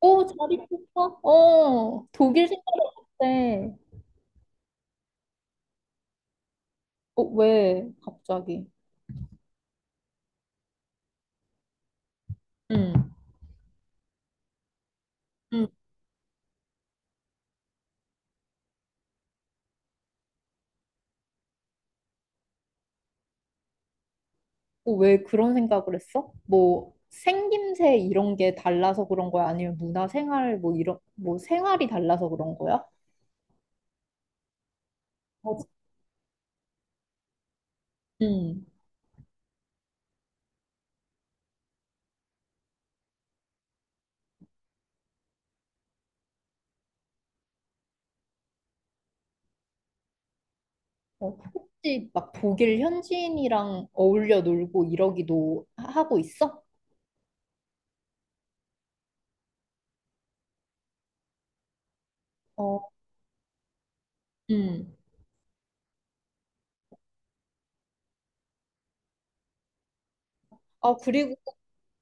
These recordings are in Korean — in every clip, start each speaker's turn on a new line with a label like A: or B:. A: 오, 잘 있었어? 독일 생각했 어때? 왜, 갑자기? 응, 응. 왜 그런 생각을 했어? 뭐, 생김새 이런 게 달라서 그런 거야? 아니면 문화 생활, 뭐, 이런, 뭐, 생활이 달라서 그런 거야? 어, 응. 혹시 막 독일 현지인이랑 어울려 놀고 이러기도 하고 있어? 어, 응. 아, 그리고,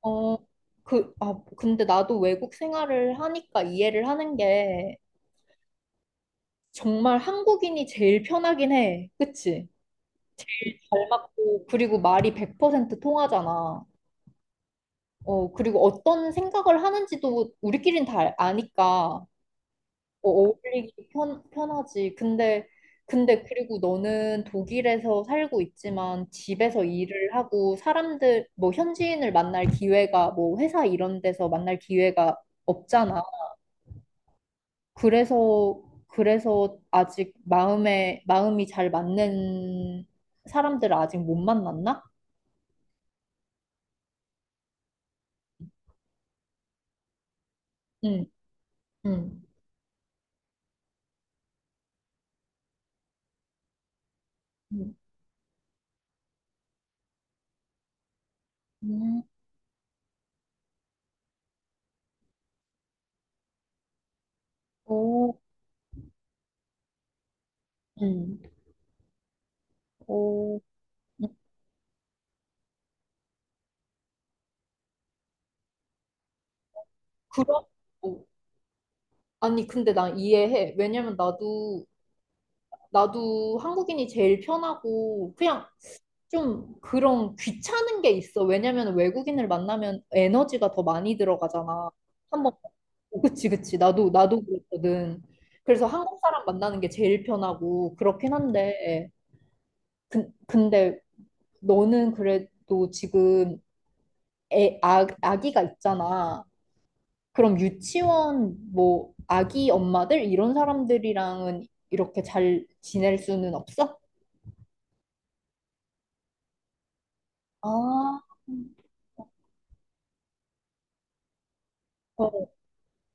A: 어, 근데 나도 외국 생활을 하니까 이해를 하는 게, 정말 한국인이 제일 편하긴 해. 그치? 잘 맞고, 그리고 말이 100% 통하잖아. 그리고 어떤 생각을 하는지도 우리끼린 다 아니까 어울리기 편하지. 근데 그리고 너는 독일에서 살고 있지만 집에서 일을 하고 사람들, 뭐 현지인을 만날 기회가 뭐 회사 이런 데서 만날 기회가 없잖아. 그래서 그래서 아직 마음에 마음이 잘 맞는 사람들을 아직 못 만났나? 응, 응, 응, 응. 오, 응, 오, 응. 그럼. 오. 아니, 근데 난 이해해. 왜냐면 나도 한국인이 제일 편하고 그냥 좀 그런 귀찮은 게 있어. 왜냐면 외국인을 만나면 에너지가 더 많이 들어가잖아. 한번, 그치 그치, 나도 그랬거든. 그래서 한국 사람 만나는 게 제일 편하고 그렇긴 한데 근데 너는 그래도 지금 아기가 있잖아. 그럼 유치원, 뭐 아기 엄마들 이런 사람들이랑은 이렇게 잘 지낼 수는 없어? 아, 어,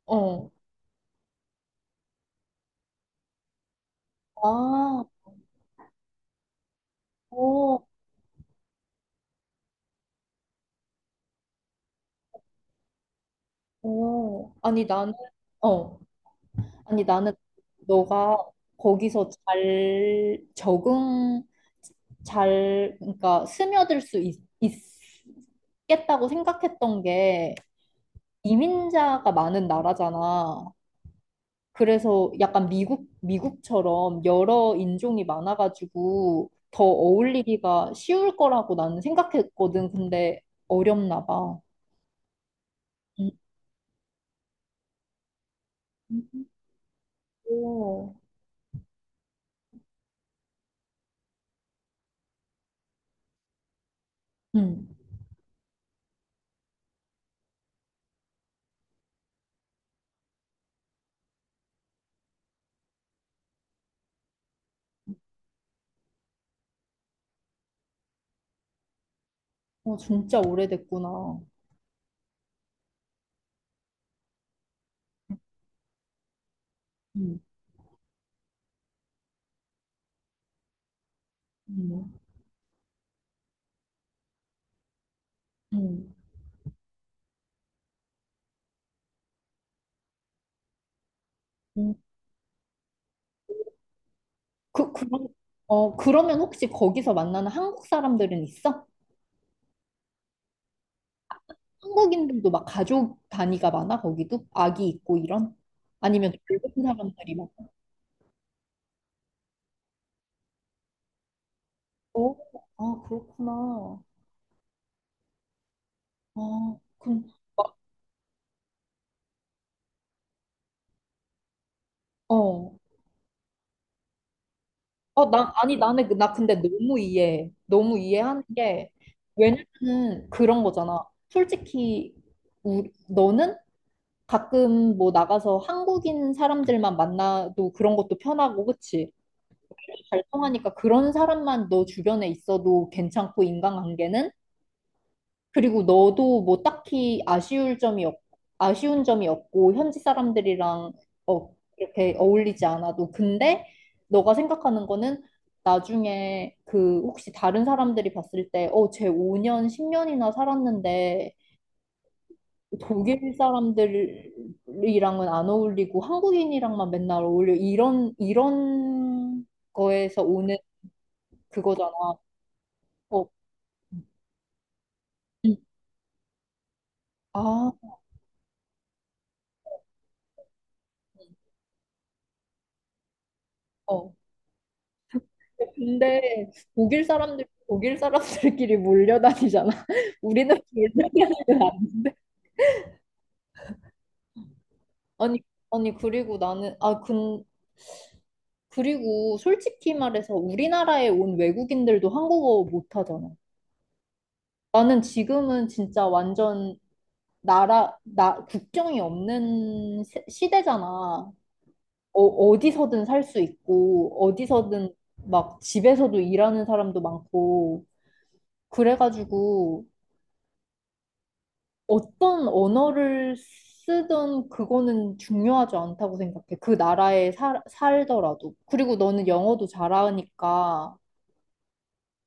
A: 어, 아, 어. 오, 아니 나는, 어, 아니 나는 너가 거기서 잘 적응, 잘, 그러니까 스며들 수 있겠다고 생각했던 게 이민자가 많은 나라잖아. 그래서 약간 미국처럼 여러 인종이 많아가지고 더 어울리기가 쉬울 거라고 나는 생각했거든. 근데 어렵나 봐. 음. 오. 진짜 오래됐구나. 음, 음, 음, 음. 그, 그 그러면 혹시 거기서 만나는 한국 사람들은 있어? 한국인들도 막 가족 단위가 많아, 거기도? 아기 있고 이런? 아니면 젊은 사람들이 막, 어, 아, 그렇구나. 아, 그럼, 막, 어. 어, 나, 아니, 나는, 그- 나 근데 너무 이해하는 게, 왜냐면은 그런 거잖아. 솔직히, 너는 가끔 뭐 나가서 한국인 사람들만 만나도 그런 것도 편하고, 그치? 잘 통하니까 그런 사람만 너 주변에 있어도 괜찮고, 인간관계는? 그리고 너도 뭐 딱히 아쉬운 점이 없고, 현지 사람들이랑 이렇게 어울리지 않아도. 근데 너가 생각하는 거는 나중에 그 혹시 다른 사람들이 봤을 때, 쟤 5년, 10년이나 살았는데, 독일 사람들이랑은 안 어울리고 한국인이랑만 맨날 어울려 이런 거에서 오는 그거잖아. 어, 음. 아, 어. 근데 독일 사람들끼리 몰려다니잖아. 우리는 몰려다니는 아닌데. 아니, 아니, 그리고 나는, 아 근 그리고 솔직히 말해서 우리나라에 온 외국인들도 한국어 못하잖아. 나는 지금은 진짜 완전 국경이 없는 시대잖아. 어디서든 살 수 있고, 어디서든 막 집에서도 일하는 사람도 많고, 그래가지고 어떤 언어를 쓰든 그거는 중요하지 않다고 생각해. 그 나라에 살더라도. 그리고 너는 영어도 잘하니까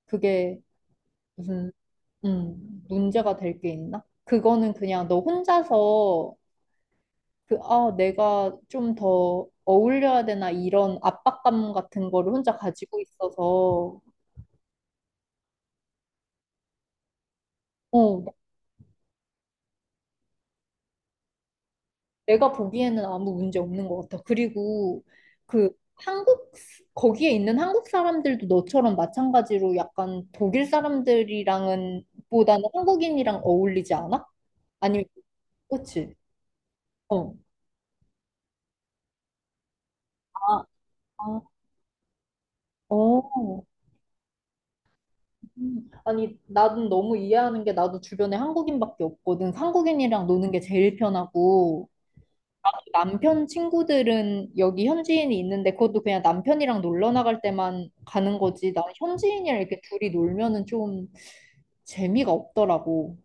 A: 그게 무슨, 문제가 될 게 있나? 그거는 그냥 너 혼자서 내가 좀 더 어울려야 되나 이런 압박감 같은 거를 혼자 가지고 있어서, 어, 내가 보기에는 아무 문제 없는 것 같아. 그리고 그 한국, 거기에 있는 한국 사람들도 너처럼 마찬가지로 약간 독일 사람들이랑은 보다는 한국인이랑 어울리지 않아? 아니면, 그치? 어. 아, 아, 어. 음. 아니, 나는 너무 이해하는 게 나도 주변에 한국인밖에 없거든. 한국인이랑 노는 게 제일 편하고. 남편 친구들은 여기 현지인이 있는데, 그것도 그냥 남편이랑 놀러 나갈 때만 가는 거지. 나는 현지인이랑 이렇게 둘이 놀면은 좀 재미가 없더라고.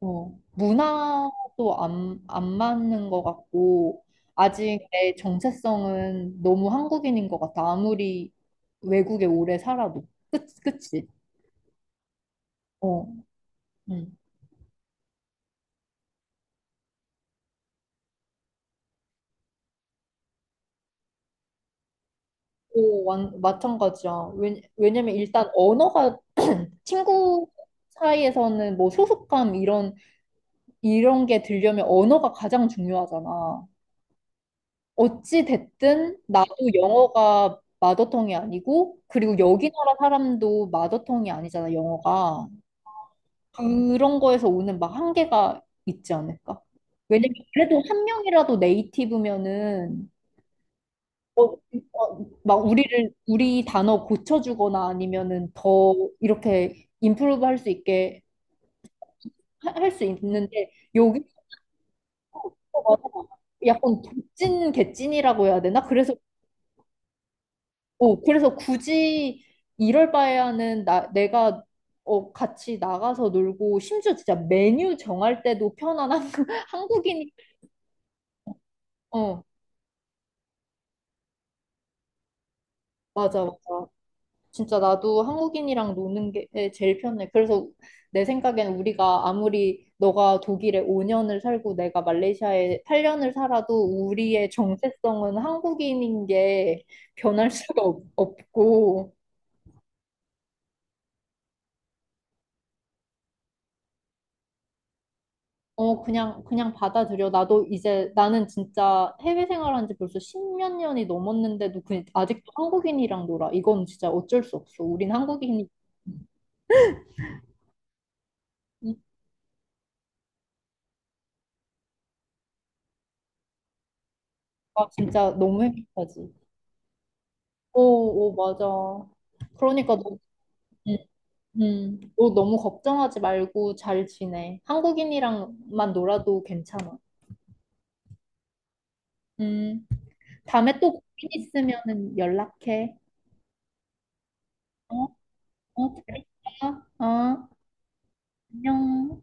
A: 문화도 안 맞는 것 같고, 아직 내 정체성은 너무 한국인인 것 같아. 아무리 외국에 오래 살아도. 끝, 그치? 어, 응. 오, 마찬가지야. 왜냐면 일단 언어가, 친구 사이에서는 뭐 소속감 이런 게 들려면 언어가 가장 중요하잖아. 어찌 됐든 나도 영어가 마더텅이 아니고, 그리고 여기 나라 사람도 마더텅이 아니잖아, 영어가. 그런 거에서 오는 막 한계가 있지 않을까? 왜냐면 그래도 한 명이라도 네이티브면은 어, 어, 막 우리 단어 고쳐주거나, 아니면은 더 이렇게 임프루브 할 수 있게 할 수 있는데, 여기서 와서 약간 족진 개찐이라고 해야 되나? 그래서 굳이 이럴 바에야는 내가 같이 나가서 놀고, 심지어 진짜 메뉴 정할 때도 편한 한국, 한국인이. 어, 맞아, 맞아. 진짜 나도 한국인이랑 노는 게 제일 편해. 그래서 내 생각엔 우리가 아무리 너가 독일에 5년을 살고 내가 말레이시아에 8년을 살아도 우리의 정체성은 한국인인 게 변할 수가 없고. 그냥 받아들여. 나도 이제, 나는 진짜 해외 생활한 지 벌써 십몇 년이 넘었는데도, 아직도 한국인이랑 놀아. 이건 진짜 어쩔 수 없어. 우린 한국인이, 아, 진짜 너무 행복하지. 오, 오, 맞아. 그러니까 음, 너 너무 걱정하지 말고 잘 지내. 한국인이랑만 놀아도 괜찮아. 음, 다음에 또 고민 있으면은 연락해. 어, 어, 잘 있어. 어, 안녕.